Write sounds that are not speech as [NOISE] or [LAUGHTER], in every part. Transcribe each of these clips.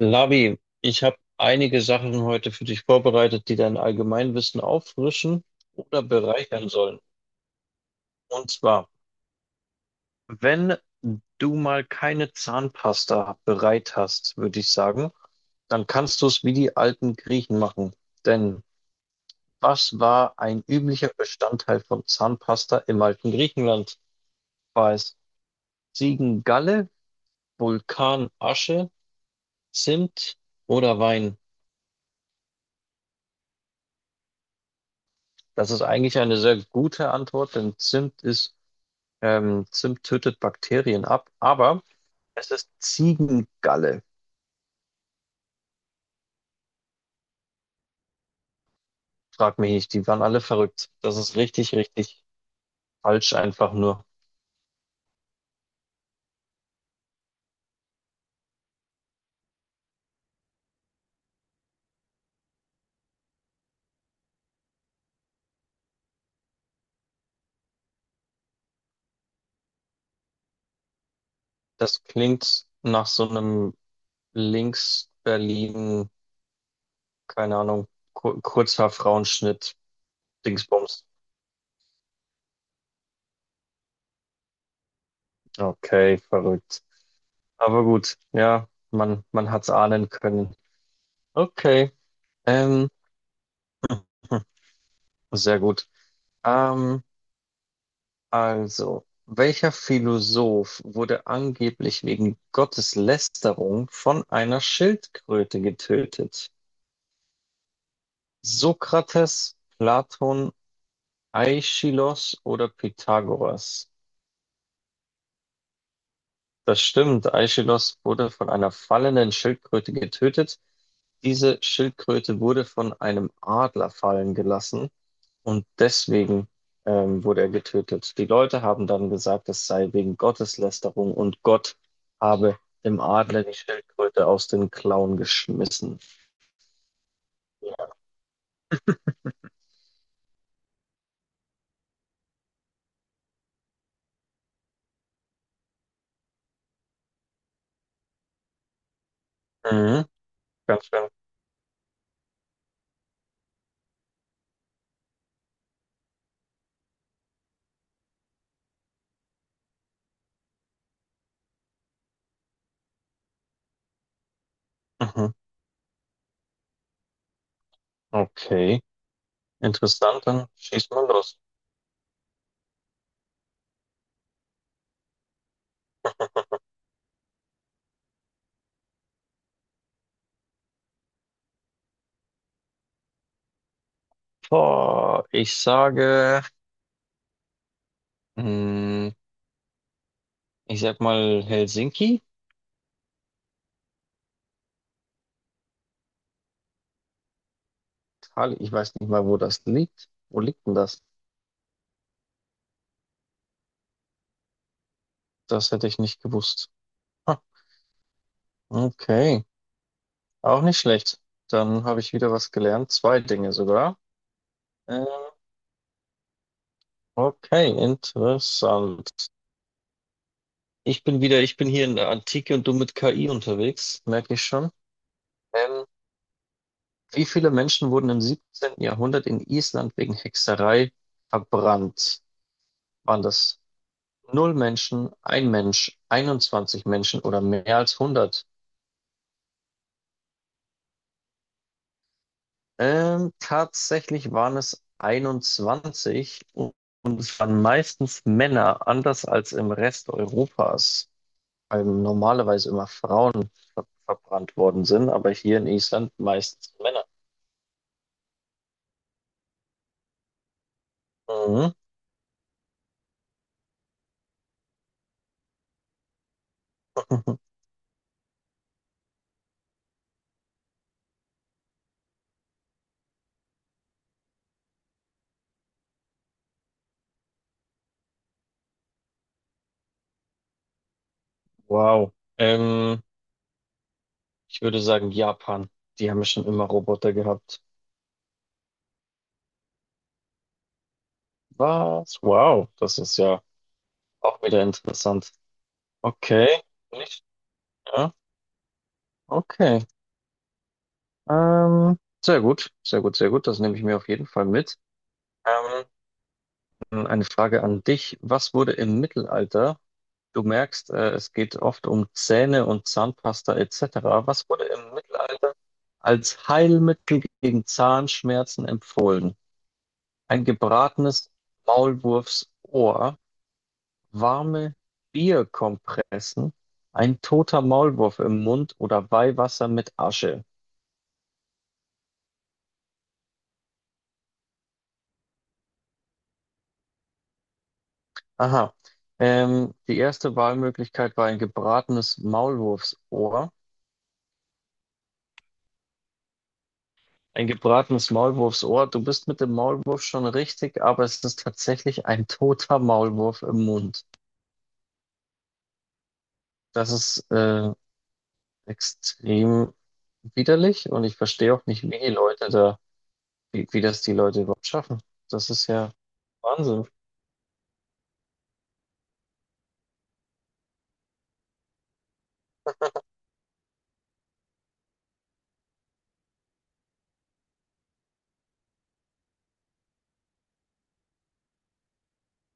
Lavi, ich habe einige Sachen heute für dich vorbereitet, die dein Allgemeinwissen auffrischen oder bereichern sollen. Und zwar, wenn du mal keine Zahnpasta bereit hast, würde ich sagen, dann kannst du es wie die alten Griechen machen. Denn was war ein üblicher Bestandteil von Zahnpasta im alten Griechenland? War es Ziegengalle, Vulkanasche, Zimt oder Wein? Das ist eigentlich eine sehr gute Antwort, denn Zimt tötet Bakterien ab, aber es ist Ziegengalle. Frag mich nicht, die waren alle verrückt. Das ist richtig, richtig falsch einfach nur. Das klingt nach so einem Links-Berlin, keine Ahnung, Kurzhaar-Frauenschnitt, Dingsbums. Okay, verrückt. Aber gut, ja, man hat's ahnen können. Okay, ähm, hm, sehr gut. Ähm, Also, welcher Philosoph wurde angeblich wegen Gotteslästerung von einer Schildkröte getötet? Sokrates, Platon, Aischylos oder Pythagoras? Das stimmt. Aischylos wurde von einer fallenden Schildkröte getötet. Diese Schildkröte wurde von einem Adler fallen gelassen und deswegen wurde er getötet. Die Leute haben dann gesagt, es sei wegen Gotteslästerung und Gott habe dem Adler die Schildkröte aus den Klauen geschmissen. Mhm, ganz schön. Mhm. Okay, interessant, dann schießt mal los. Boah, ich sage, mh, ich sag mal Helsinki. Italien, ich weiß nicht mal, wo das liegt. Wo liegt denn das? Das hätte ich nicht gewusst. Ha, okay, auch nicht schlecht. Dann habe ich wieder was gelernt. Zwei Dinge sogar. Ähm, okay, interessant. Ich bin hier in der Antike und du mit KI unterwegs, merke ich schon. Ähm, Wie viele Menschen wurden im 17. Jahrhundert in Island wegen Hexerei verbrannt? Waren das null Menschen, ein Mensch, 21 Menschen oder mehr als hundert? Tatsächlich waren es 21, und es waren meistens Männer, anders als im Rest Europas, weil normalerweise immer Frauen verbrannt worden sind, aber hier in Island meistens Männer. Mhm. [LAUGHS] Wow. Ähm, Ich würde sagen Japan. Die haben ja schon immer Roboter gehabt. Was? Wow. Das ist ja auch wieder interessant. Okay. Nicht? Ja. Okay. Ähm, Sehr gut. Sehr gut, sehr gut. Das nehme ich mir auf jeden Fall mit. Ähm, eine Frage an dich. Was wurde im Mittelalter, du merkst, es geht oft um Zähne und Zahnpasta etc., was wurde im Mittelalter als Heilmittel gegen Zahnschmerzen empfohlen? Ein gebratenes Maulwurfsohr, warme Bierkompressen, ein toter Maulwurf im Mund oder Weihwasser mit Asche. Aha. Die erste Wahlmöglichkeit war ein gebratenes Maulwurfsohr. Ein gebratenes Maulwurfsohr. Du bist mit dem Maulwurf schon richtig, aber es ist tatsächlich ein toter Maulwurf im Mund. Das ist extrem widerlich und ich verstehe auch nicht, wie die wie das die Leute überhaupt schaffen. Das ist ja Wahnsinn.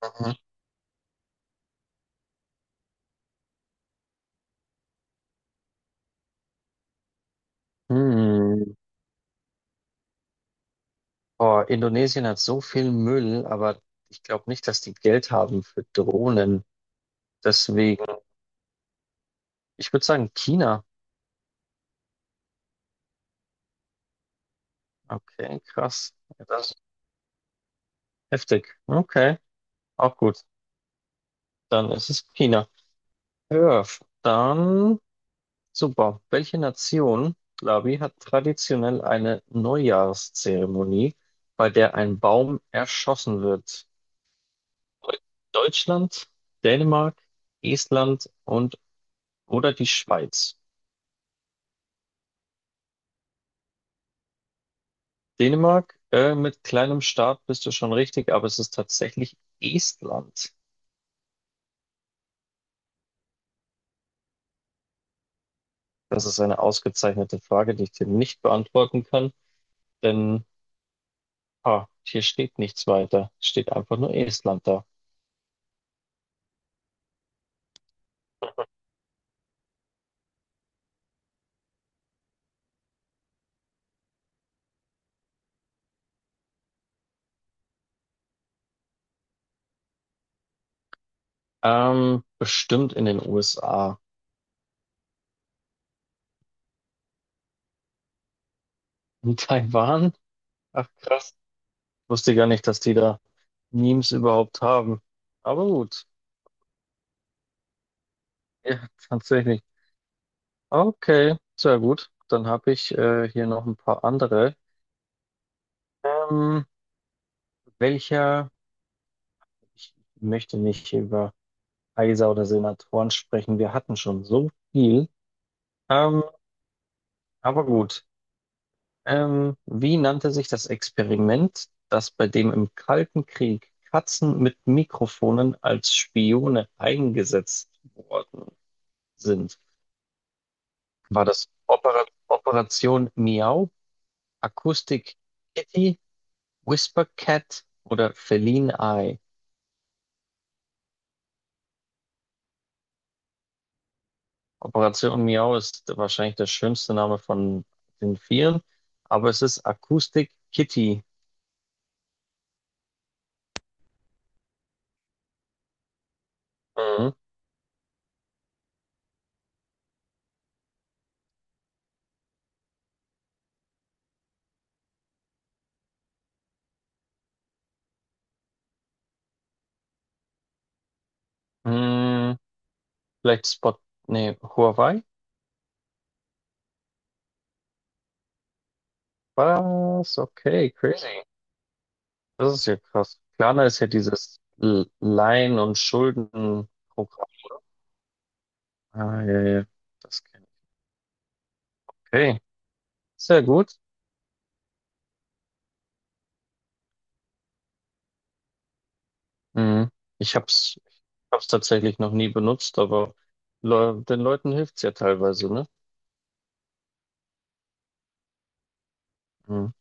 Mhm. Hm. Boah, Indonesien hat so viel Müll, aber ich glaube nicht, dass die Geld haben für Drohnen. Deswegen, ich würde sagen, China. Okay, krass. Ja, das ist heftig. Okay, auch gut. Dann ist es China. Ja, dann super. Welche Nation, Labi, hat traditionell eine Neujahrszeremonie, bei der ein Baum erschossen wird? Deu- Deutschland, Dänemark, Estland und oder die Schweiz? Dänemark, mit kleinem Staat bist du schon richtig, aber es ist tatsächlich Estland. Das ist eine ausgezeichnete Frage, die ich dir nicht beantworten kann, denn hier steht nichts weiter. Steht einfach nur Estland da. Bestimmt in den USA. In [LAUGHS] Taiwan? Ach krass. Wusste gar nicht, dass die da Memes überhaupt haben. Aber gut. Ja, [LAUGHS] tatsächlich. Okay, sehr gut. Dann habe ich hier noch ein paar andere. Ähm, Welcher? Ich möchte nicht über Kaiser oder Senatoren sprechen. Wir hatten schon so viel. Ähm, aber gut. Wie nannte sich das Experiment, das bei dem im Kalten Krieg Katzen mit Mikrofonen als Spione eingesetzt worden sind? War das Operation Miau, Akustik Kitty, Whisper Cat oder Feline Eye? Operation Miau ist wahrscheinlich der schönste Name von den vieren, aber es ist Akustik Kitty. Mhm. Hm, vielleicht Spot, Huawei? Was? Okay, crazy. Das ist ja krass. Klarna ist ja dieses Leihen- und Schuldenprogramm. Ah, ja, ja. Das kenn ich. Okay, sehr gut. Mhm. Ich hab's tatsächlich noch nie benutzt, aber Le den Leuten hilft's ja teilweise, ne? Mhm.